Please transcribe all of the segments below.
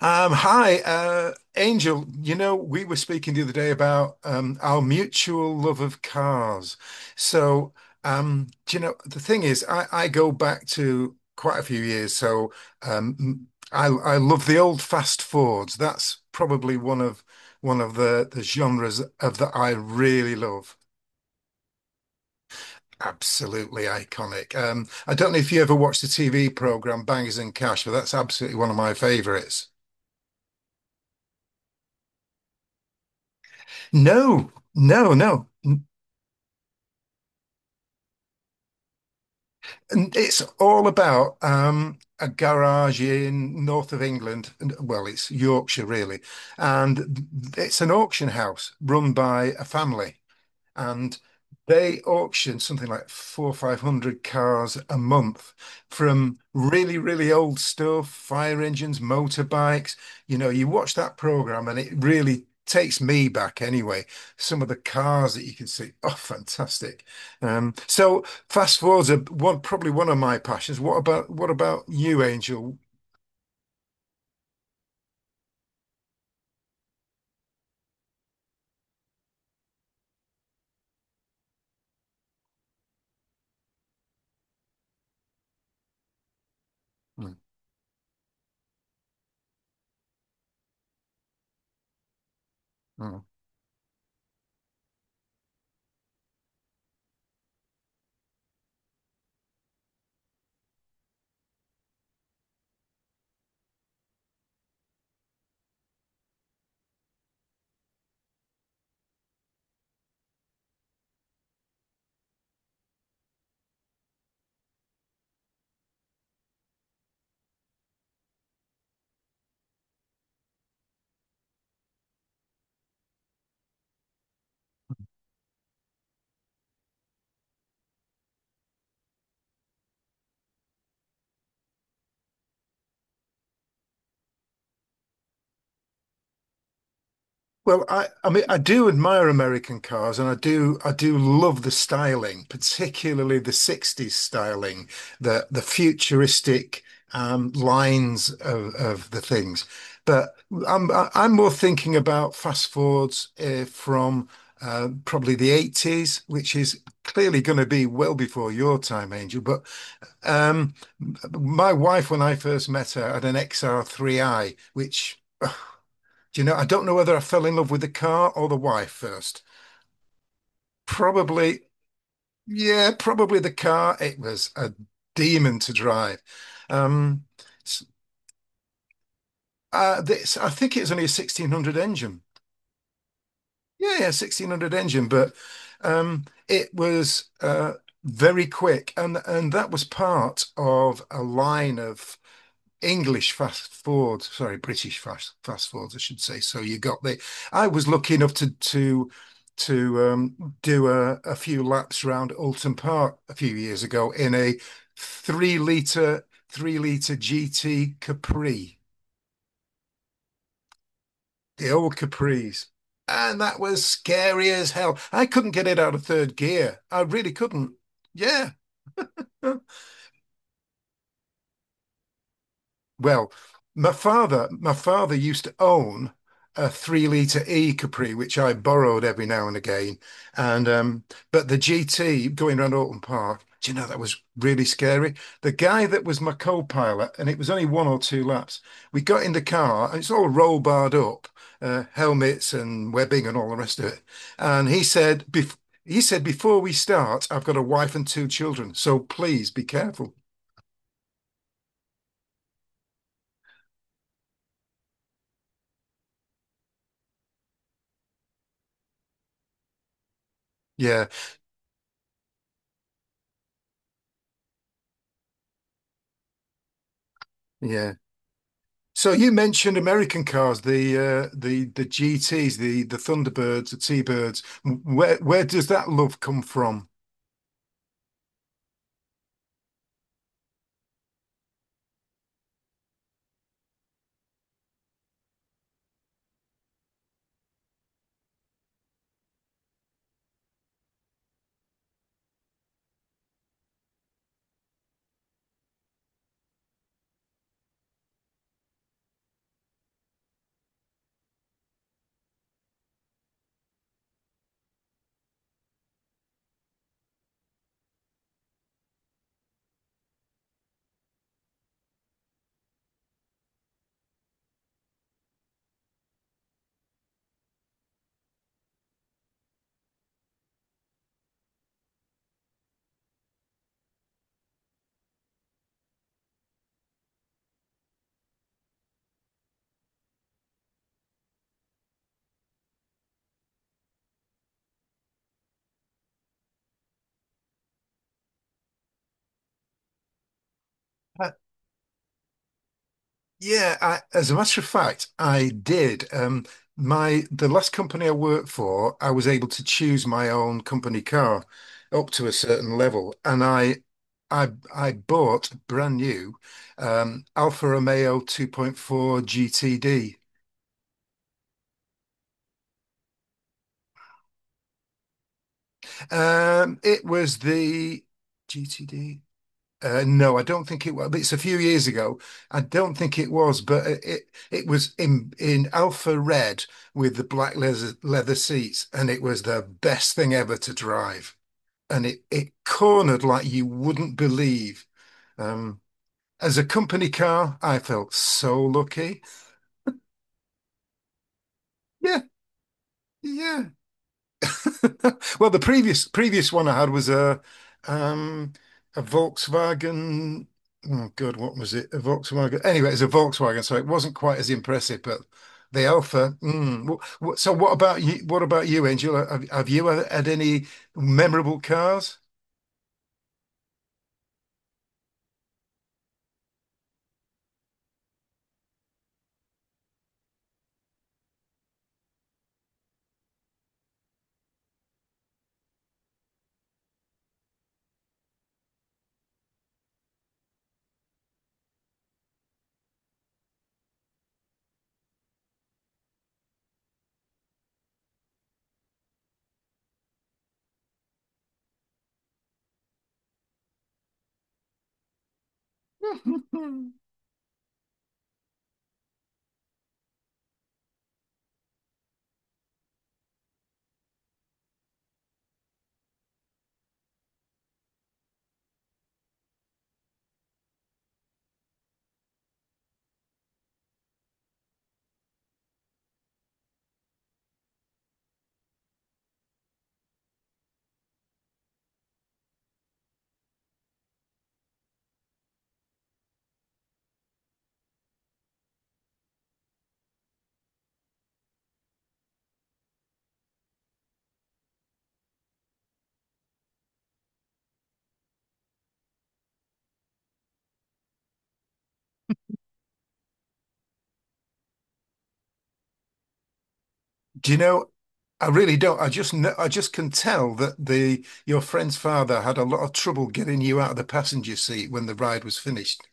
Hi, Angel. We were speaking the other day about our mutual love of cars. So, do you know, the thing is, I go back to quite a few years. So, I love the old fast Fords. That's probably one of the genres of that I really love. Absolutely iconic. I don't know if you ever watched the TV program Bangers and Cash, but that's absolutely one of my favorites. No, no, no. And it's all about a garage in north of England, and well, it's Yorkshire really, and it's an auction house run by a family, and they auction something like four or five hundred cars a month from really, really old stuff, fire engines, motorbikes. You watch that program and it really takes me back anyway. Some of the cars that you can see, oh, fantastic. So fast forwards are one, probably one of my passions. What about you, Angel? Mm, mm. Well, I mean, I do admire American cars, and I do love the styling, particularly the '60s styling, the futuristic lines of the things. But I'm more thinking about fast forwards from probably the '80s, which is clearly going to be well before your time, Angel. But um, my wife, when I first met her, had an XR3i, which Do you know, I don't know whether I fell in love with the car or the wife first. Probably, yeah, probably the car. It was a demon to drive. Um, s- this, I think, it was only a 1600 engine. Yeah, yeah, 1600 engine, but it was very quick, and that was part of a line of English fast forward, sorry, British fast forwards, I should say. So you got the. I was lucky enough to do a few laps around Alton Park a few years ago in a three liter GT Capri, the old Capris, and that was scary as hell. I couldn't get it out of third gear. I really couldn't. Yeah. Well, my father used to own a 3 litre E Capri, which I borrowed every now and again. And but the GT going around Alton Park, do you know that was really scary? The guy that was my co-pilot, and it was only one or two laps. We got in the car, and it's all roll barred up, helmets and webbing and all the rest of it. And he said, before we start, I've got a wife and two children, so please be careful. Yeah, yeah. So you mentioned American cars, the GTs, the Thunderbirds, the T-Birds. Where does that love come from? Uh, yeah, I, as a matter of fact, I did. My the last company I worked for, I was able to choose my own company car up to a certain level, and I I bought brand new Alfa Romeo 2.4 GTD. It was the GTD. No, I don't think it was. It's a few years ago. I don't think it was, but it was in alpha red with the black leather seats, and it was the best thing ever to drive. And it cornered like you wouldn't believe. Um, as a company car, I felt so lucky. Yeah, yeah. Well, the previous one I had was um a Volkswagen. Oh God, what was it? A Volkswagen. Anyway, it's a Volkswagen, so it wasn't quite as impressive. But the Alpha. So, what about you? What about you, Angel? Have you had any memorable cars? Do you know? I really don't. I just can tell that the your friend's father had a lot of trouble getting you out of the passenger seat when the ride was finished.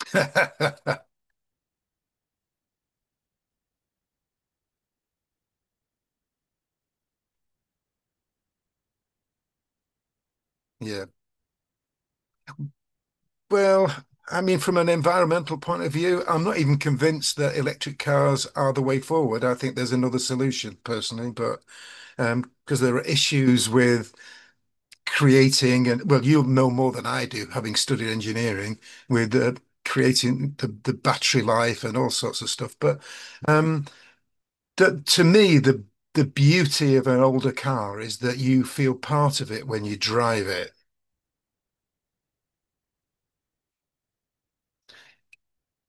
Yeah. Well, I mean, from an environmental point of view, I'm not even convinced that electric cars are the way forward. I think there's another solution personally, but because there are issues with creating, and well, you'll know more than I do, having studied engineering, with creating the battery life and all sorts of stuff. But um, that to me, the beauty of an older car is that you feel part of it when you drive it.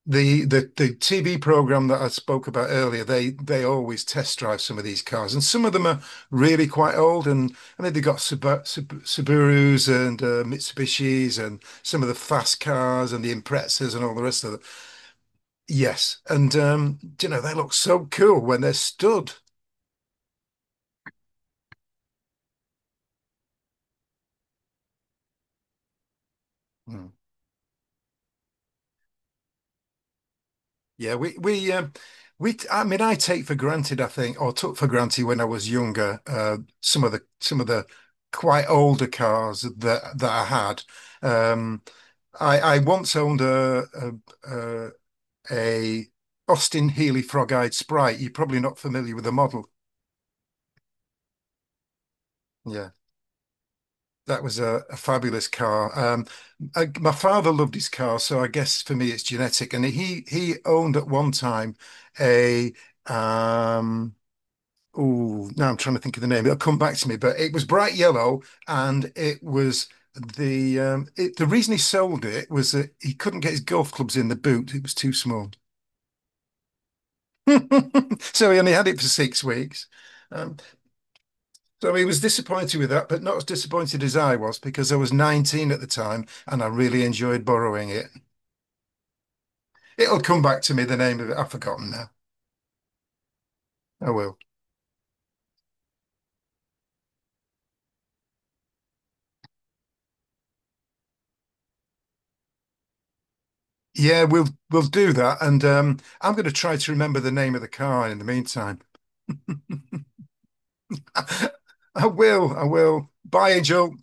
The TV program that I spoke about earlier, they always test drive some of these cars, and some of them are really quite old. And I mean, they got Subarus and Mitsubishis, and some of the fast cars and the Imprezas and all the rest of it. Yes, and you know they look so cool when they're stood. Mm. Yeah, I mean I take for granted I think or took for granted when I was younger some of the quite older cars that I had. Um I once owned a, a, a Austin Healey Frog-Eyed Sprite. You're probably not familiar with the model. Yeah. That was a fabulous car. My father loved his car, so I guess for me it's genetic. And he owned at one time a um oh, now I'm trying to think of the name. It'll come back to me, but it was bright yellow, and it was the it, the reason he sold it was that he couldn't get his golf clubs in the boot; it was too small. So he only had it for 6 weeks. Um, so he was disappointed with that, but not as disappointed as I was because I was 19 at the time and I really enjoyed borrowing it. It'll come back to me, the name of it. I've forgotten now. I will. Yeah, we'll do that, and I'm going to try to remember the name of the car in the meantime. I will. I will. Bye, Angel.